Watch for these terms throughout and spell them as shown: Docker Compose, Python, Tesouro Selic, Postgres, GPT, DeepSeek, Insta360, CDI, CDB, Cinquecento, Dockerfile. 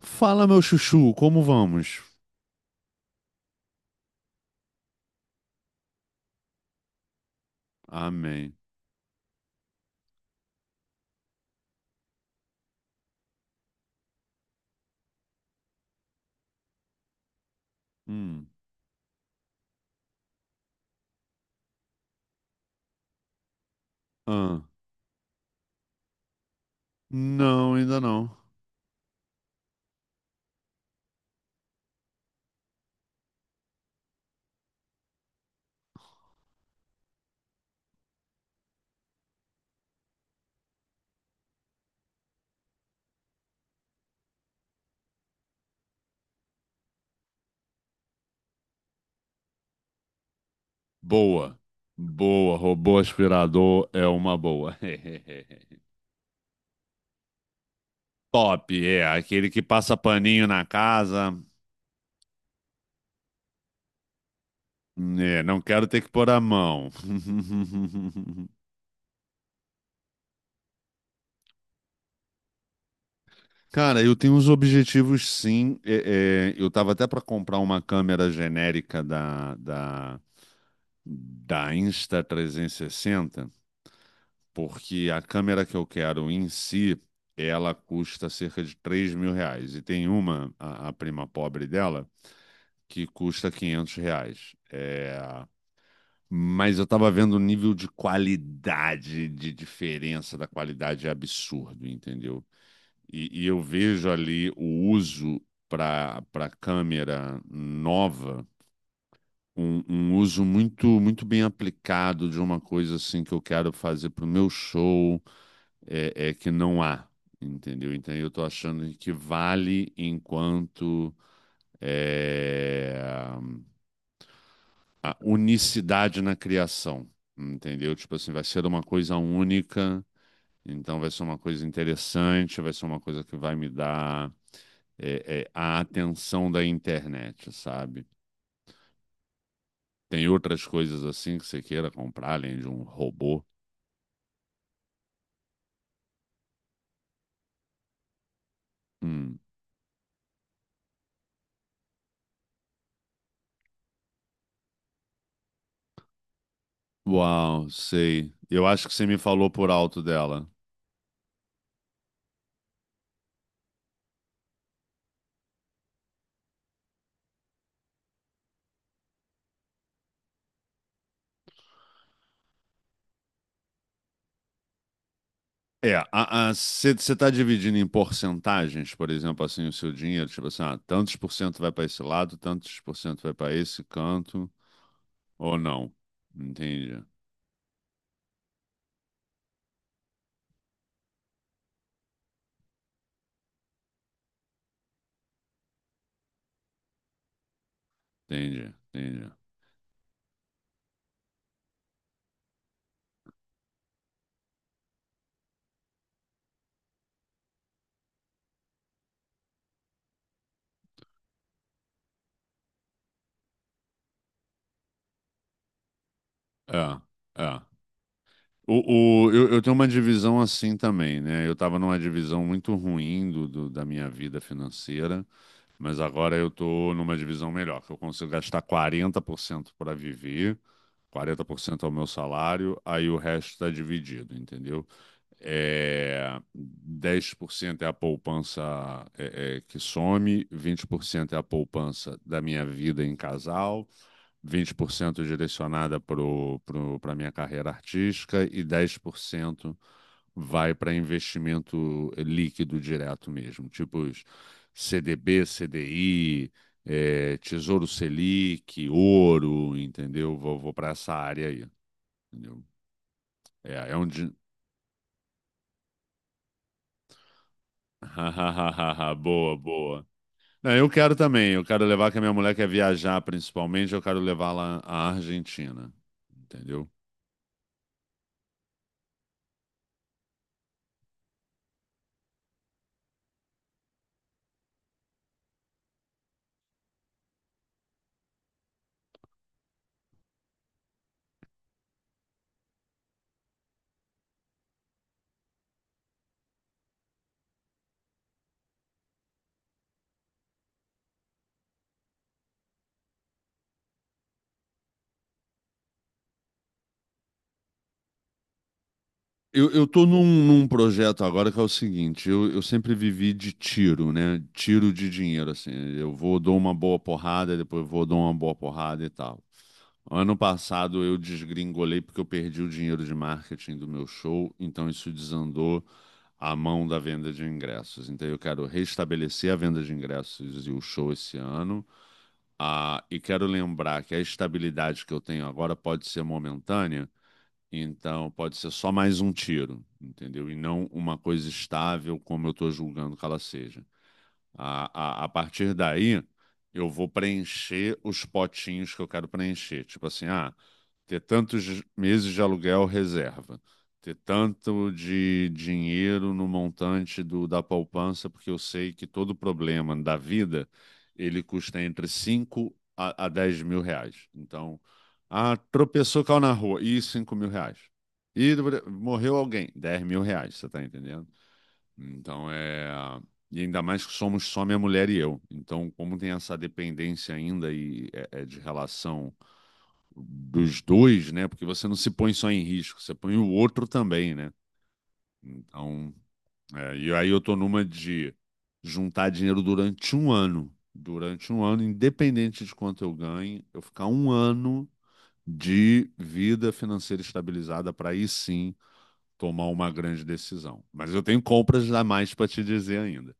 Fala, meu chuchu, como vamos? Amém. Hum. Ah. Não, ainda não. Boa. Boa. Robô aspirador é uma boa. Top, é. Aquele que passa paninho na casa. É, não quero ter que pôr a mão. Cara, eu tenho uns objetivos, sim. Eu tava até para comprar uma câmera genérica da Insta360. Porque a câmera que eu quero em si, ela custa cerca de R$ 3.000. E tem a prima pobre dela, que custa R$ 500. Mas eu tava vendo o nível de qualidade, de diferença da qualidade é absurdo, entendeu? E eu vejo ali o uso para câmera nova, um uso muito muito bem aplicado de uma coisa assim que eu quero fazer para o meu show, que não há, entendeu? Então eu estou achando que vale enquanto, é, a unicidade na criação, entendeu? Tipo assim, vai ser uma coisa única, então vai ser uma coisa interessante, vai ser uma coisa que vai me dar, a atenção da internet, sabe? Tem outras coisas assim que você queira comprar, além de um robô? Hum. Uau, sei. Eu acho que você me falou por alto dela. É, você está dividindo em porcentagens, por exemplo, assim, o seu dinheiro? Tipo assim, ah, tantos por cento vai para esse lado, tantos por cento vai para esse canto, ou não? Entendi, entendi, entendi. É, é. Eu tenho uma divisão assim também, né? Eu estava numa divisão muito ruim da minha vida financeira. Mas agora eu tô numa divisão melhor, que eu consigo gastar 40% para viver, 40% é o meu salário, aí o resto está dividido, entendeu? É, 10% é a poupança, que some, 20% é a poupança da minha vida em casal, 20% direcionada para a minha carreira artística e 10% vai para investimento líquido direto mesmo, tipo os CDB, CDI, Tesouro Selic, ouro, entendeu? Vou para essa área aí, entendeu? É, é onde. Boa, boa. Não, eu quero também, eu quero levar, que a minha mulher quer viajar principalmente, eu quero levá-la à Argentina, entendeu? Eu tô num projeto agora que é o seguinte, eu sempre vivi de tiro, né? Tiro de dinheiro, assim. Eu vou, dou uma boa porrada, depois vou, dou uma boa porrada e tal. Ano passado eu desgringolei porque eu perdi o dinheiro de marketing do meu show, então isso desandou a mão da venda de ingressos. Então eu quero restabelecer a venda de ingressos e o show esse ano. Ah, e quero lembrar que a estabilidade que eu tenho agora pode ser momentânea, então pode ser só mais um tiro, entendeu? E não uma coisa estável, como eu estou julgando que ela seja. A, a partir daí, eu vou preencher os potinhos que eu quero preencher. Tipo assim, ah, ter tantos meses de aluguel reserva, ter tanto de dinheiro no montante da poupança, porque eu sei que todo problema da vida, ele custa entre 5 a 10 mil reais. Então, ah, tropeçou, caiu na rua, e R$ 5.000. E morreu alguém, R$ 10.000, você tá entendendo? Então é. E ainda mais que somos só minha mulher e eu. Então, como tem essa dependência ainda e é de relação dos dois, né? Porque você não se põe só em risco, você põe o outro também, né? Então, e aí eu tô numa de juntar dinheiro durante um ano. Durante um ano, independente de quanto eu ganhe, eu ficar um ano de vida financeira estabilizada para aí sim tomar uma grande decisão. Mas eu tenho compras a mais para te dizer ainda.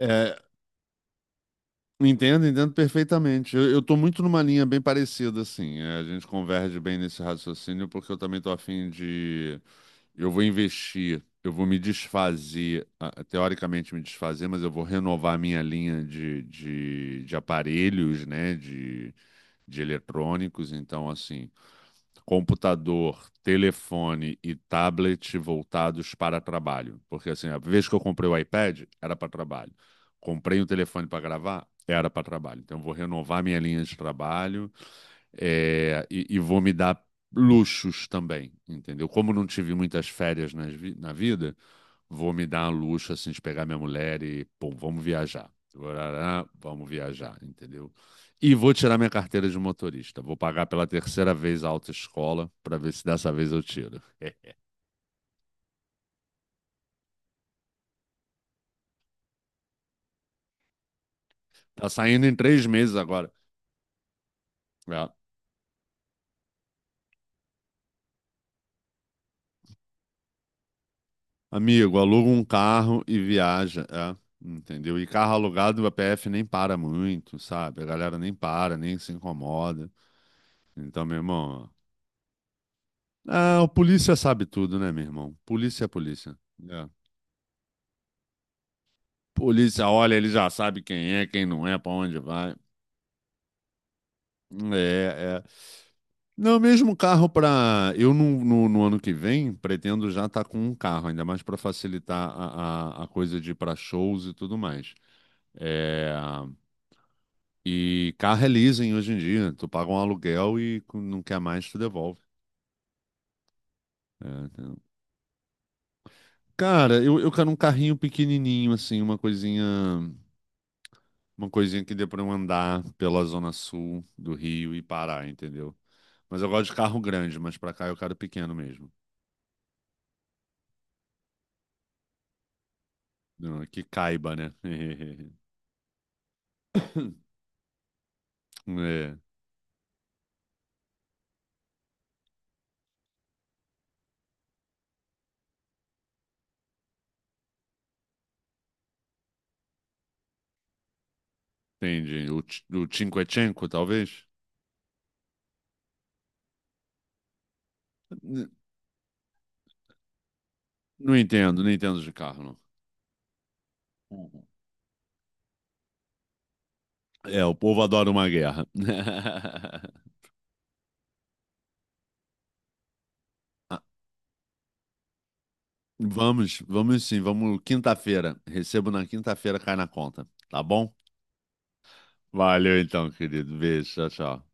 É, entendo, entendo perfeitamente. Eu tô muito numa linha bem parecida, assim. É, a gente converge bem nesse raciocínio, porque eu também tô afim de. Eu vou investir, eu vou me desfazer, ah, teoricamente me desfazer, mas eu vou renovar a minha linha de aparelhos, né? De eletrônicos. Então, assim, computador, telefone e tablet voltados para trabalho. Porque assim, a vez que eu comprei o iPad, era para trabalho. Comprei um telefone para gravar, era para trabalho. Então, eu vou renovar minha linha de trabalho, e vou me dar luxos também, entendeu? Como não tive muitas férias na vida, vou me dar um luxo assim de pegar minha mulher e, pô, vamos viajar. Vamos viajar, entendeu? E vou tirar minha carteira de motorista. Vou pagar pela terceira vez a autoescola para ver se dessa vez eu tiro. Tá saindo em 3 meses agora. É. Amigo, aluga um carro e viaja. É. Entendeu? E carro alugado, a PF nem para muito, sabe? A galera nem para, nem se incomoda. Então, meu irmão, ó, ah, o polícia sabe tudo, né, meu irmão? Polícia é polícia. É. Polícia olha, ele já sabe quem é, quem não é, pra onde vai. É, é. Não, mesmo carro pra. Eu no ano que vem pretendo já estar com um carro, ainda mais pra facilitar a coisa de ir pra shows e tudo mais. É, e carro é leasing hoje em dia. Tu paga um aluguel e não quer mais, tu devolve. É, então- Cara, eu quero um carrinho pequenininho, assim, uma coisinha. Uma coisinha que dê pra eu andar pela zona sul do Rio e parar, entendeu? Mas eu gosto de carro grande, mas pra cá eu quero pequeno mesmo. Não, que caiba, né? É, entendi. O Cinquecento, talvez? N- Não entendo, não entendo de carro, não. Uhum. É, o povo adora uma guerra. Ah, vamos, vamos sim, vamos quinta-feira. Recebo na quinta-feira, cai na conta, tá bom? Valeu então, querido. Beijo, tchau, tchau.